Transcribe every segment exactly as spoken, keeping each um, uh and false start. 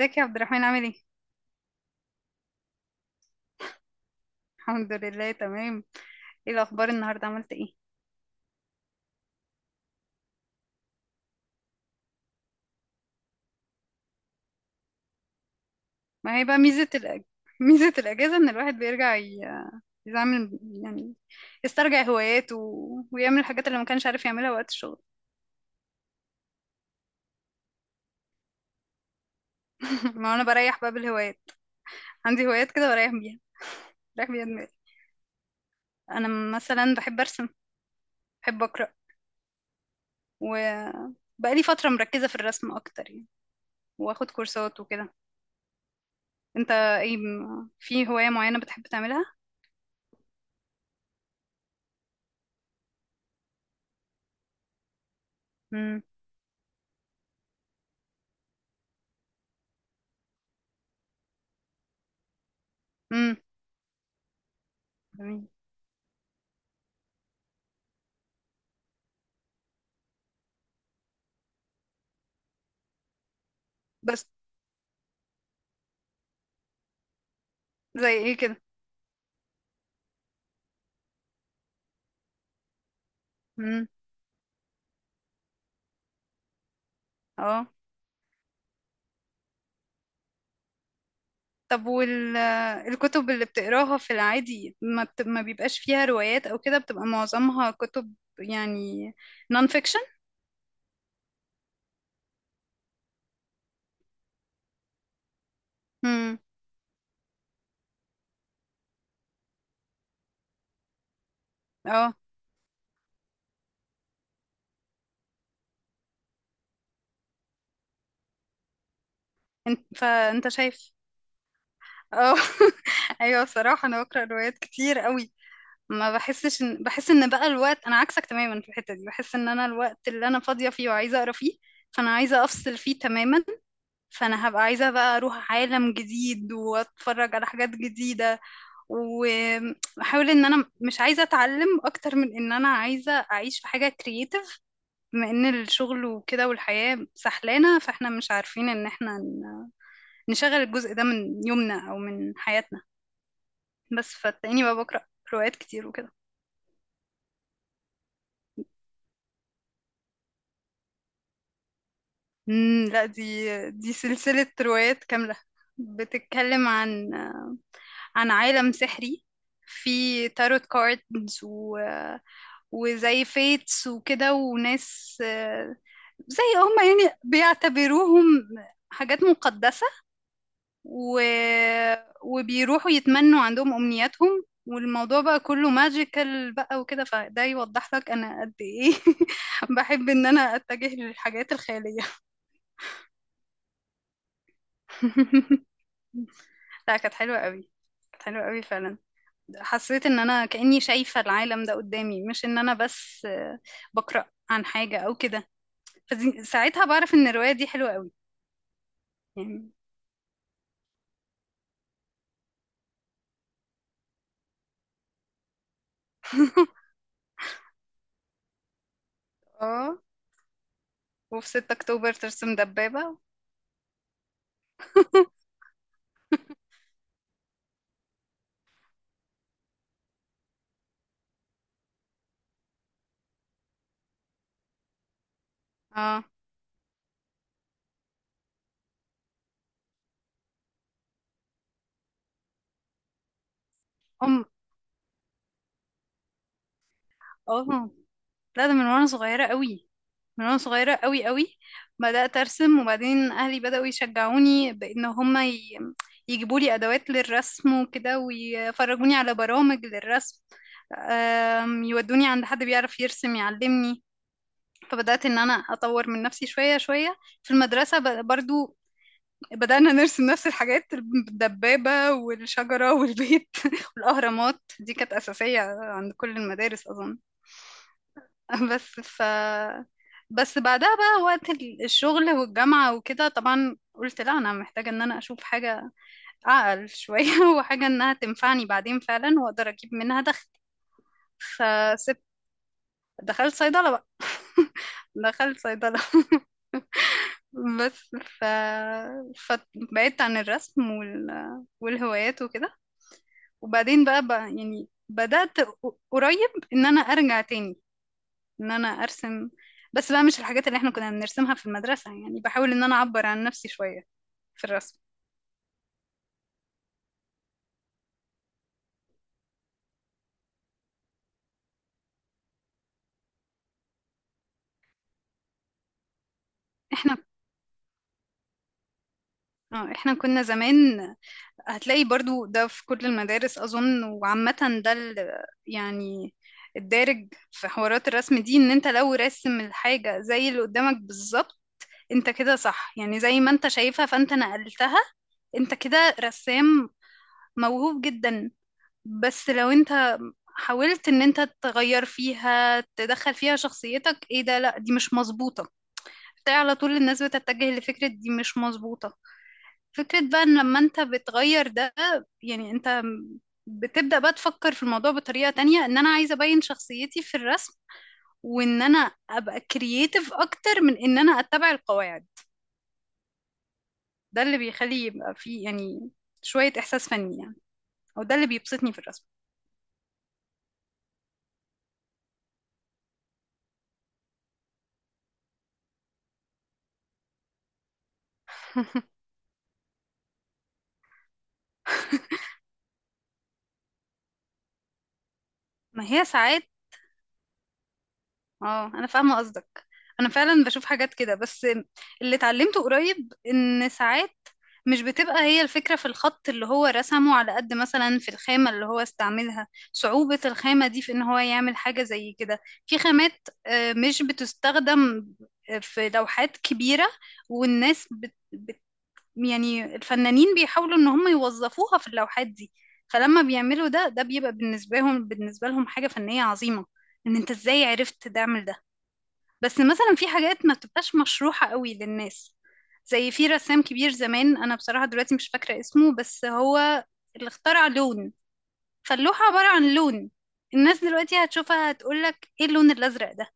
ازيك يا عبد الرحمن عامل ايه؟ الحمد لله تمام. ايه الأخبار النهاردة عملت ايه؟ ما هي بقى ميزة الأج... ميزة الأجازة إن الواحد بيرجع ي... يعمل يعني، يسترجع هواياته و... ويعمل الحاجات اللي ما كانش عارف يعملها وقت الشغل. ما أنا بريح بقى بالهوايات، عندي هوايات كده بريح بيها، بريح بيها دماغي. أنا مثلا بحب أرسم، بحب أقرأ، وبقالي فترة مركزة في الرسم أكتر يعني، وآخد كورسات وكده. أنت ايه م- في هواية معينة بتحب تعملها؟ امم امم بس زي ايه كده؟ امم اه. طب وال الكتب اللي بتقراها في العادي ما بت... ما بيبقاش فيها روايات او كده، بتبقى معظمها كتب يعني نون فيكشن؟ امم اه. انت فانت شايف اه. ايوه بصراحة انا بقرا روايات كتير قوي، ما بحسش ان بحس ان بقى الوقت انا عكسك تماما في الحتة دي، بحس ان انا الوقت اللي انا فاضية فيه وعايزة اقرا فيه فانا عايزة افصل فيه تماما. فانا هبقى عايزة بقى اروح عالم جديد واتفرج على حاجات جديدة، واحاول ان انا مش عايزة اتعلم اكتر من ان انا عايزة اعيش في حاجة كرييتيف، بما ان الشغل وكده والحياة سحلانة فاحنا مش عارفين ان احنا ن- نشغل الجزء ده من يومنا او من حياتنا. بس فتلاقيني بقى بقرأ روايات كتير وكده. امم، لا، دي دي سلسلة روايات كاملة، بتتكلم عن عن عالم سحري في تاروت كاردز وزي فيتس وكده وناس آه، زي هما يعني بيعتبروهم حاجات مقدسة، و... وبيروحوا يتمنوا عندهم أمنياتهم، والموضوع بقى كله ماجيكال بقى وكده، فده يوضح لك أنا قد إيه بحب إن أنا أتجه للحاجات الخيالية. لا كانت حلوة قوي، كانت حلوة قوي فعلا. حسيت إن أنا كأني شايفة العالم ده قدامي، مش إن أنا بس آه، بقرأ عن حاجة أو كده. فدي- ساعتها بعرف ان الرواية دي حلوة قوي يعني. اه، وفي ستة اكتوبر ترسم دبابة. اه. ام. اه لا، ده من وانا صغيرة قوي، من وانا صغيرة قوي قوي. بدأت ارسم، وبعدين اهلي بدأوا يشجعوني بان هما ي... يجيبوا لي ادوات للرسم وكده، ويفرجوني على برامج للرسم، آم، يودوني عند حد بيعرف يرسم يعلمني. فبدأت ان انا اطور من نفسي شوية شوية. في المدرسة ب- برضو بدأنا نرسم نفس الحاجات، الدبابة والشجرة والبيت والأهرامات، دي كانت أساسية عند كل المدارس أظن. بس ف بس بعدها بقى وقت ال- الشغل والجامعة وكده، طبعا قلت لا أنا محتاجة إن أنا أشوف حاجة أعقل شوية وحاجة إنها تنفعني بعدين فعلا وأقدر أجيب منها دخل. فسبت، دخلت صيدلة بقى. دخلت صيدلة. بس ف... فبعدت عن الرسم وال... والهوايات وكده. وبعدين بقى, بقى يعني بدأت قريب ان انا ارجع تاني ان انا ارسم، بس بقى مش الحاجات اللي احنا كنا بنرسمها في المدرسة، يعني بحاول ان انا اعبر عن نفسي شوية في الرسم. احنا اه، احنا كنا زمان هتلاقي برضو ده في كل المدارس اظن وعامة، ده ال- يعني الدارج في حوارات الرسم دي، ان انت لو راسم الحاجة زي اللي قدامك بالظبط، انت كده صح يعني، زي ما انت شايفها فانت نقلتها، انت كده رسام موهوب جدا. بس لو انت حاولت ان انت تغير فيها، تدخل فيها شخصيتك، ايه ده لا دي مش مظبوطة، بتاع. على طول الناس بتتجه لفكرة دي مش مظبوطة. فكرة بقى ان لما انت بتغير ده يعني انت بتبدأ بقى تفكر في الموضوع بطريقة تانية، ان انا عايزة ابين شخصيتي في الرسم، وان انا ابقى كرييتيف اكتر من ان انا اتبع القواعد، ده اللي بيخلي يبقى فيه يعني شوية احساس فني يعني، او ده اللي بيبسطني في الرسم. ما هي ساعات اه انا فاهمه قصدك. انا فعلا بشوف حاجات كده، بس اللي اتعلمته قريب ان ساعات مش بتبقى هي الفكره في الخط اللي هو رسمه على قد مثلا في الخامه اللي هو استعملها، صعوبه الخامه دي في ان هو يعمل حاجه زي كده. في خامات آه، مش بتستخدم آه، في لوحات كبيره، والناس بت... بت... يعني الفنانين بيحاولوا ان هم يوظفوها في اللوحات دي، فلما بيعملوا ده، ده بيبقى بالنسبه لهم بالنسبه لهم حاجه فنيه عظيمه، ان انت ازاي عرفت تعمل ده. بس مثلا في حاجات ما بتبقاش مشروحة قوي للناس، زي في رسام كبير زمان انا بصراحة دلوقتي مش فاكرة اسمه، بس هو اللي اخترع لون، فاللوحة عبارة عن لون، الناس دلوقتي هتشوفها هتقولك ايه اللون الازرق ده،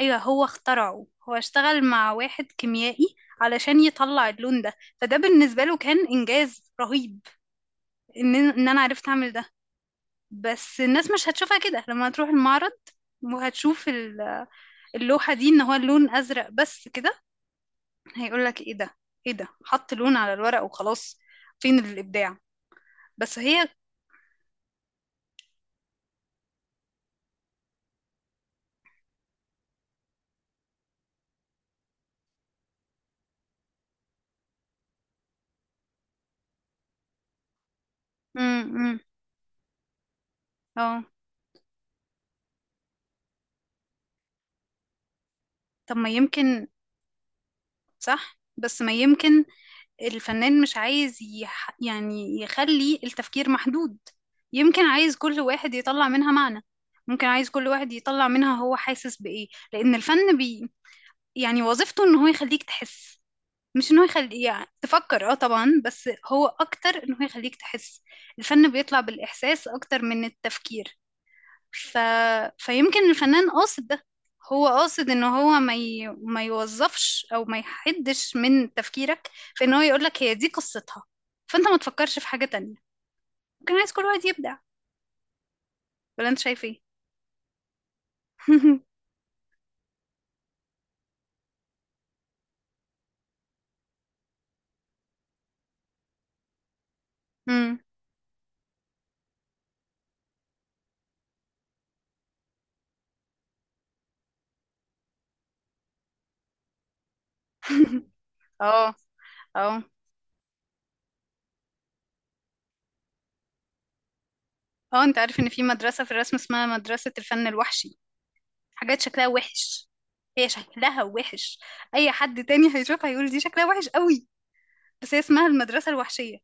ايوه هو اخترعه، هو اشتغل مع واحد كيميائي علشان يطلع اللون ده، فده بالنسبة له كان انجاز رهيب، ان ان انا عرفت اعمل ده. بس الناس مش هتشوفها كده لما تروح المعرض، وهتشوف ال- اللوحة دي ان هو اللون ازرق بس كده، هيقول لك ايه ده، ايه ده حط لون على الورق وخلاص، فين الابداع. بس هي امم اه. طب ما يمكن، صح بس ما يمكن الفنان مش عايز يح... يعني يخلي التفكير محدود، يمكن عايز كل واحد يطلع منها معنى، ممكن عايز كل واحد يطلع منها هو حاسس بإيه، لأن الفن بي... يعني وظيفته إن هو يخليك تحس، مش إن هو يخلي يعني تفكر، اه طبعا بس هو أكتر إن هو يخليك تحس، الفن بيطلع بالإحساس أكتر من التفكير. ف... فيمكن الفنان قاصد ده، هو قاصد ان هو ما, ي... ما يوظفش او ما يحدش من تفكيرك، في ان هو يقولك هي دي قصتها فانت ما تفكرش في حاجة تانية، ممكن عايز كل واحد يبدع. ولا انت شايف ايه؟ مم. اه، اه، اه، انت عارف ان في مدرسة في الرسم اسمها مدرسة الفن الوحشي، حاجات شكلها وحش. هي شكلها وحش، اي حد تاني هيشوفها هيقول دي شكلها وحش قوي، بس هي اسمها المدرسة الوحشية،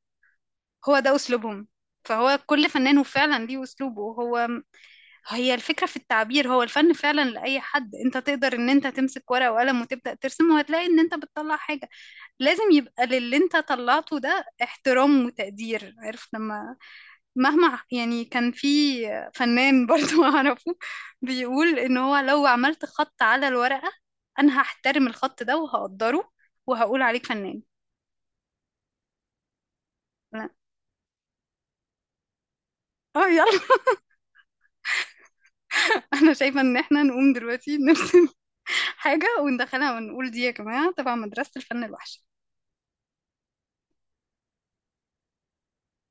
هو ده أسلوبهم. فهو كل فنان وفعلا ليه أسلوبه هو، هي الفكرة في التعبير، هو الفن فعلا لأي حد، انت تقدر ان انت تمسك ورقة وقلم وتبدأ ترسم وهتلاقي ان انت بتطلع حاجة، لازم يبقى للي انت طلعته ده احترام وتقدير. عارف لما مهما يعني كان، في فنان برضو أعرفه بيقول ان هو لو عملت خط على الورقة، انا هحترم الخط ده وهقدره وهقول عليك فنان. لا. اه يلا، انا شايفة ان احنا نقوم دلوقتي نرسم حاجة وندخلها ونقول دي يا جماعة تبع مدرسة الفن الوحش